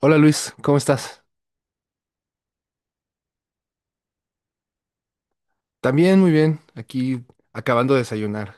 Hola Luis, ¿cómo estás? También muy bien, aquí acabando de desayunar.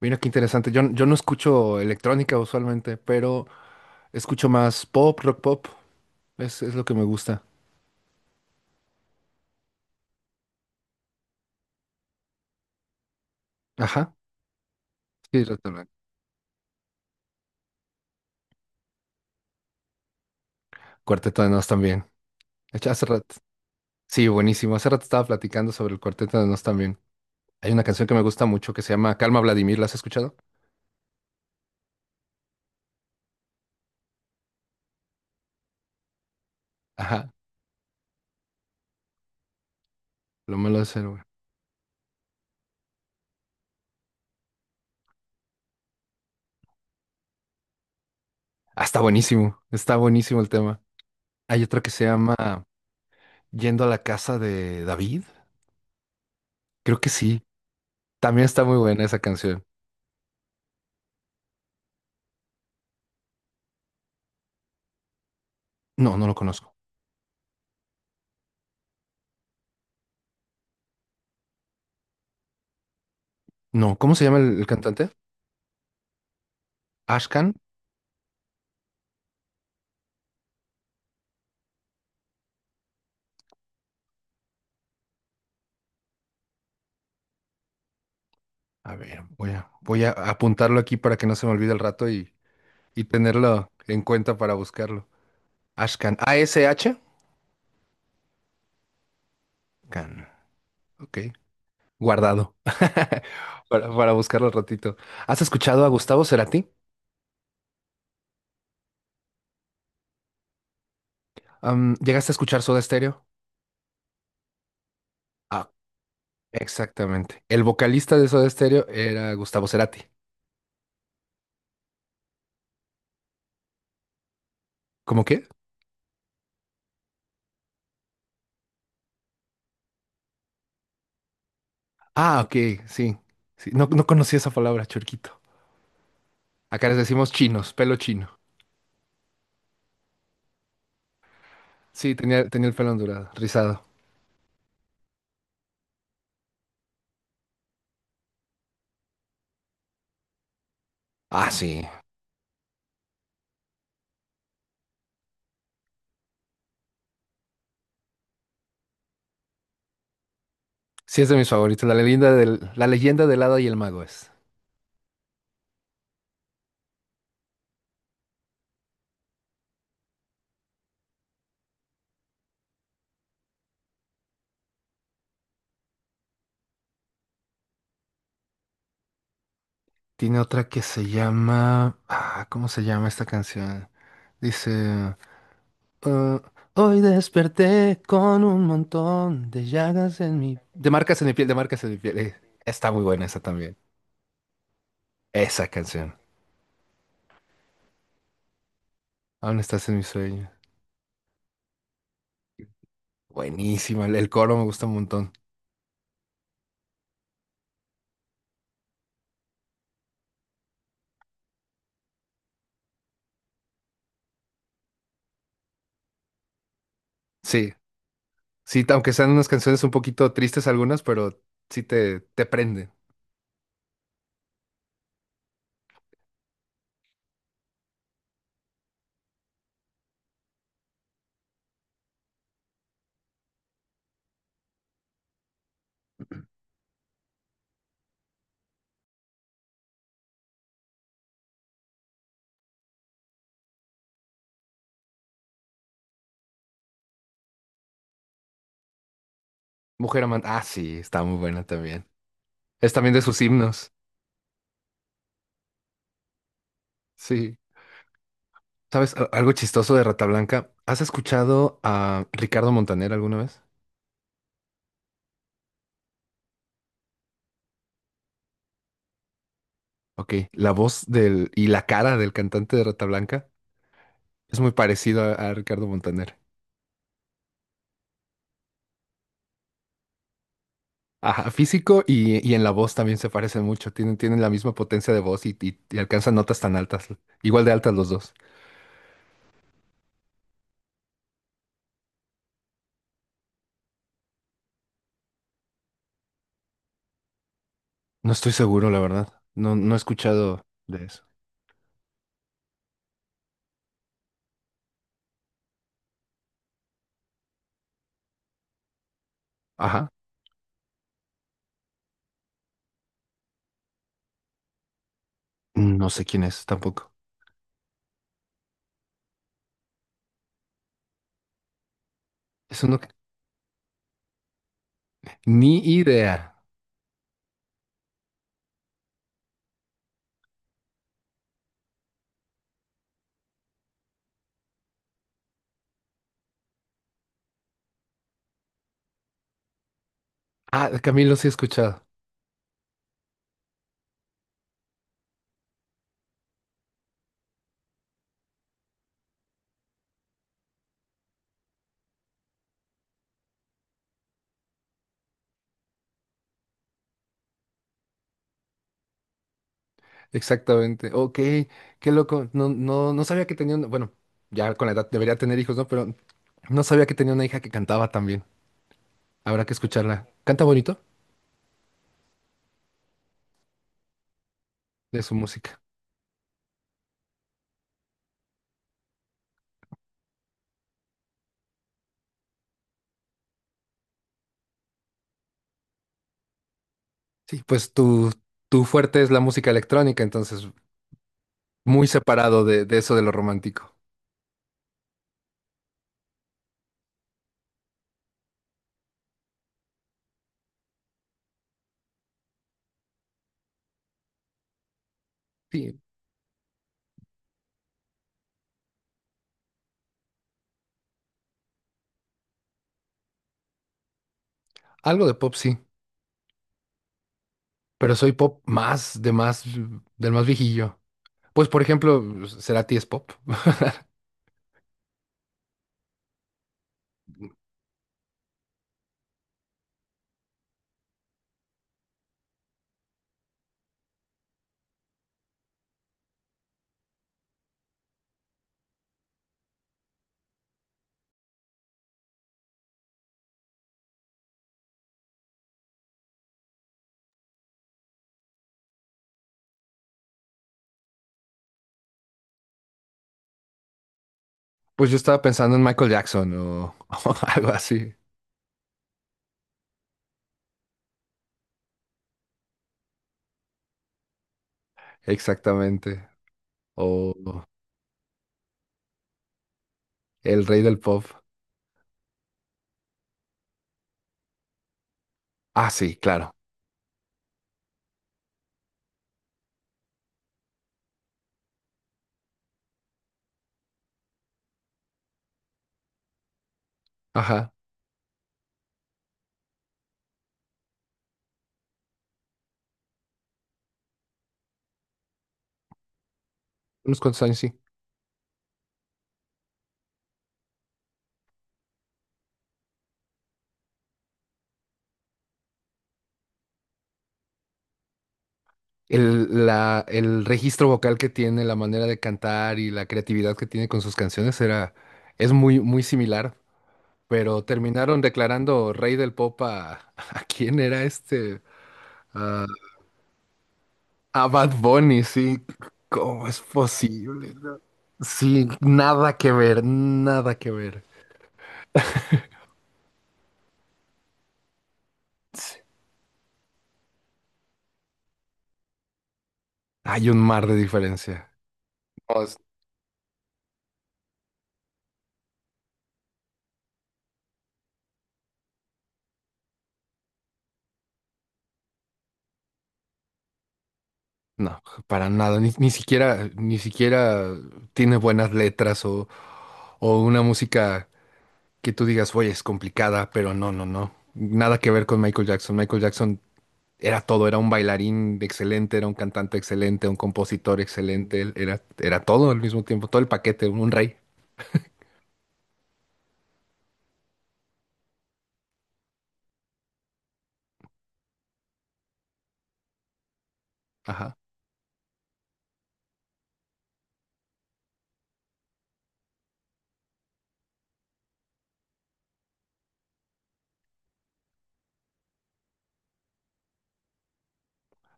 Mira qué interesante, yo no escucho electrónica usualmente, pero escucho más pop, rock pop, es lo que me gusta. Ajá, sí, Red Hot Blanc. Cuarteto de Nos también. De hecho, hace rato, sí, buenísimo, hace rato estaba platicando sobre el Cuarteto de Nos también. Hay una canción que me gusta mucho que se llama Calma Vladimir, ¿la has escuchado? Ajá, lo malo es el... Ah, está buenísimo el tema. Hay otra que se llama Yendo a la casa de David, creo que sí. También está muy buena esa canción. No, no lo conozco. No, ¿cómo se llama el cantante? Ashkan. A ver, voy a apuntarlo aquí para que no se me olvide el rato y tenerlo en cuenta para buscarlo. Ashkan. A-S-H. Can. Ok. Guardado. Para buscarlo al ratito. ¿Has escuchado a Gustavo Cerati? ¿Llegaste a escuchar Soda Stereo? Ah, exactamente. El vocalista de Soda Stereo era Gustavo Cerati. ¿Cómo qué? Ah, ok, sí. Sí, no, no conocía esa palabra, churquito. Acá les decimos chinos, pelo chino. Sí, tenía el pelo ondulado, rizado. Ah, sí. Sí, es de mis favoritos. La leyenda del hada y el mago es. Tiene otra que se llama. Ah, ¿cómo se llama esta canción? Dice. "Ah, hoy desperté con un montón de llagas en mi. De marcas en mi piel, de marcas en mi piel. Está muy buena esa también. Esa canción. Aún estás en mis sueños. Buenísima. El coro me gusta un montón. Sí. Sí, aunque sean unas canciones un poquito tristes algunas, pero sí te prende. Mujer amante. Ah, sí, está muy buena también. Es también de sus himnos. Sí. ¿Sabes a- algo chistoso de Rata Blanca? ¿Has escuchado a Ricardo Montaner alguna vez? Ok, la voz del y la cara del cantante de Rata Blanca es muy parecido a Ricardo Montaner. Ajá, físico y en la voz también se parecen mucho. Tienen la misma potencia de voz y alcanzan notas tan altas. Igual de altas los dos. No estoy seguro, la verdad. No, no he escuchado de eso. Ajá. No sé quién es tampoco. Es uno que... Ni idea. Ah, de Camilo sí he escuchado. Exactamente. Ok, qué loco. No, no, no sabía que tenía una... Bueno, ya con la edad debería tener hijos, ¿no? Pero no sabía que tenía una hija que cantaba también. Habrá que escucharla. Canta bonito de su música. Sí, pues tu fuerte es la música electrónica, entonces muy separado de eso de lo romántico. Sí, algo de pop, sí. Pero soy pop más de más del más viejillo. Pues por ejemplo, Cerati es pop. Pues yo estaba pensando en Michael Jackson o, o algo así. Exactamente. O el rey del pop. Ah, sí, claro. Ajá. Unos cuantos años, sí. El, la, el registro vocal que tiene, la manera de cantar y la creatividad que tiene con sus canciones era, es muy, muy similar. Pero terminaron declarando rey del pop a, ¿a quién era este? A Bad Bunny, sí. ¿Cómo es posible? ¿No? Sí, nada que ver, nada que ver. Hay un mar de diferencia. No, es- no, para nada. Ni, ni siquiera, ni siquiera tiene buenas letras o una música que tú digas, oye, es complicada, pero no, no, no. Nada que ver con Michael Jackson. Michael Jackson era todo, era un bailarín excelente, era un cantante excelente, un compositor excelente, él era todo al mismo tiempo, todo el paquete, un rey.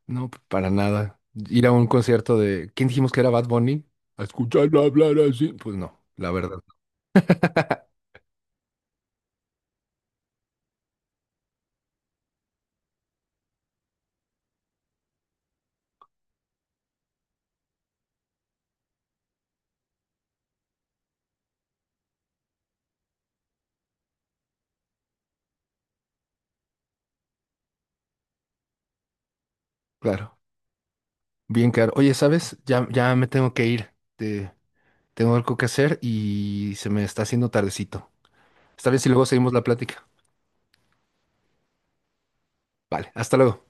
No, p- para nada. Ir a un concierto de... ¿Quién dijimos que era Bad Bunny? A escucharlo hablar así. Pues no, la verdad. Claro. Bien caro. Oye, ¿sabes? Ya me tengo que ir. Te- tengo algo que hacer y se me está haciendo tardecito. ¿Está bien si luego seguimos la plática? Vale, hasta luego.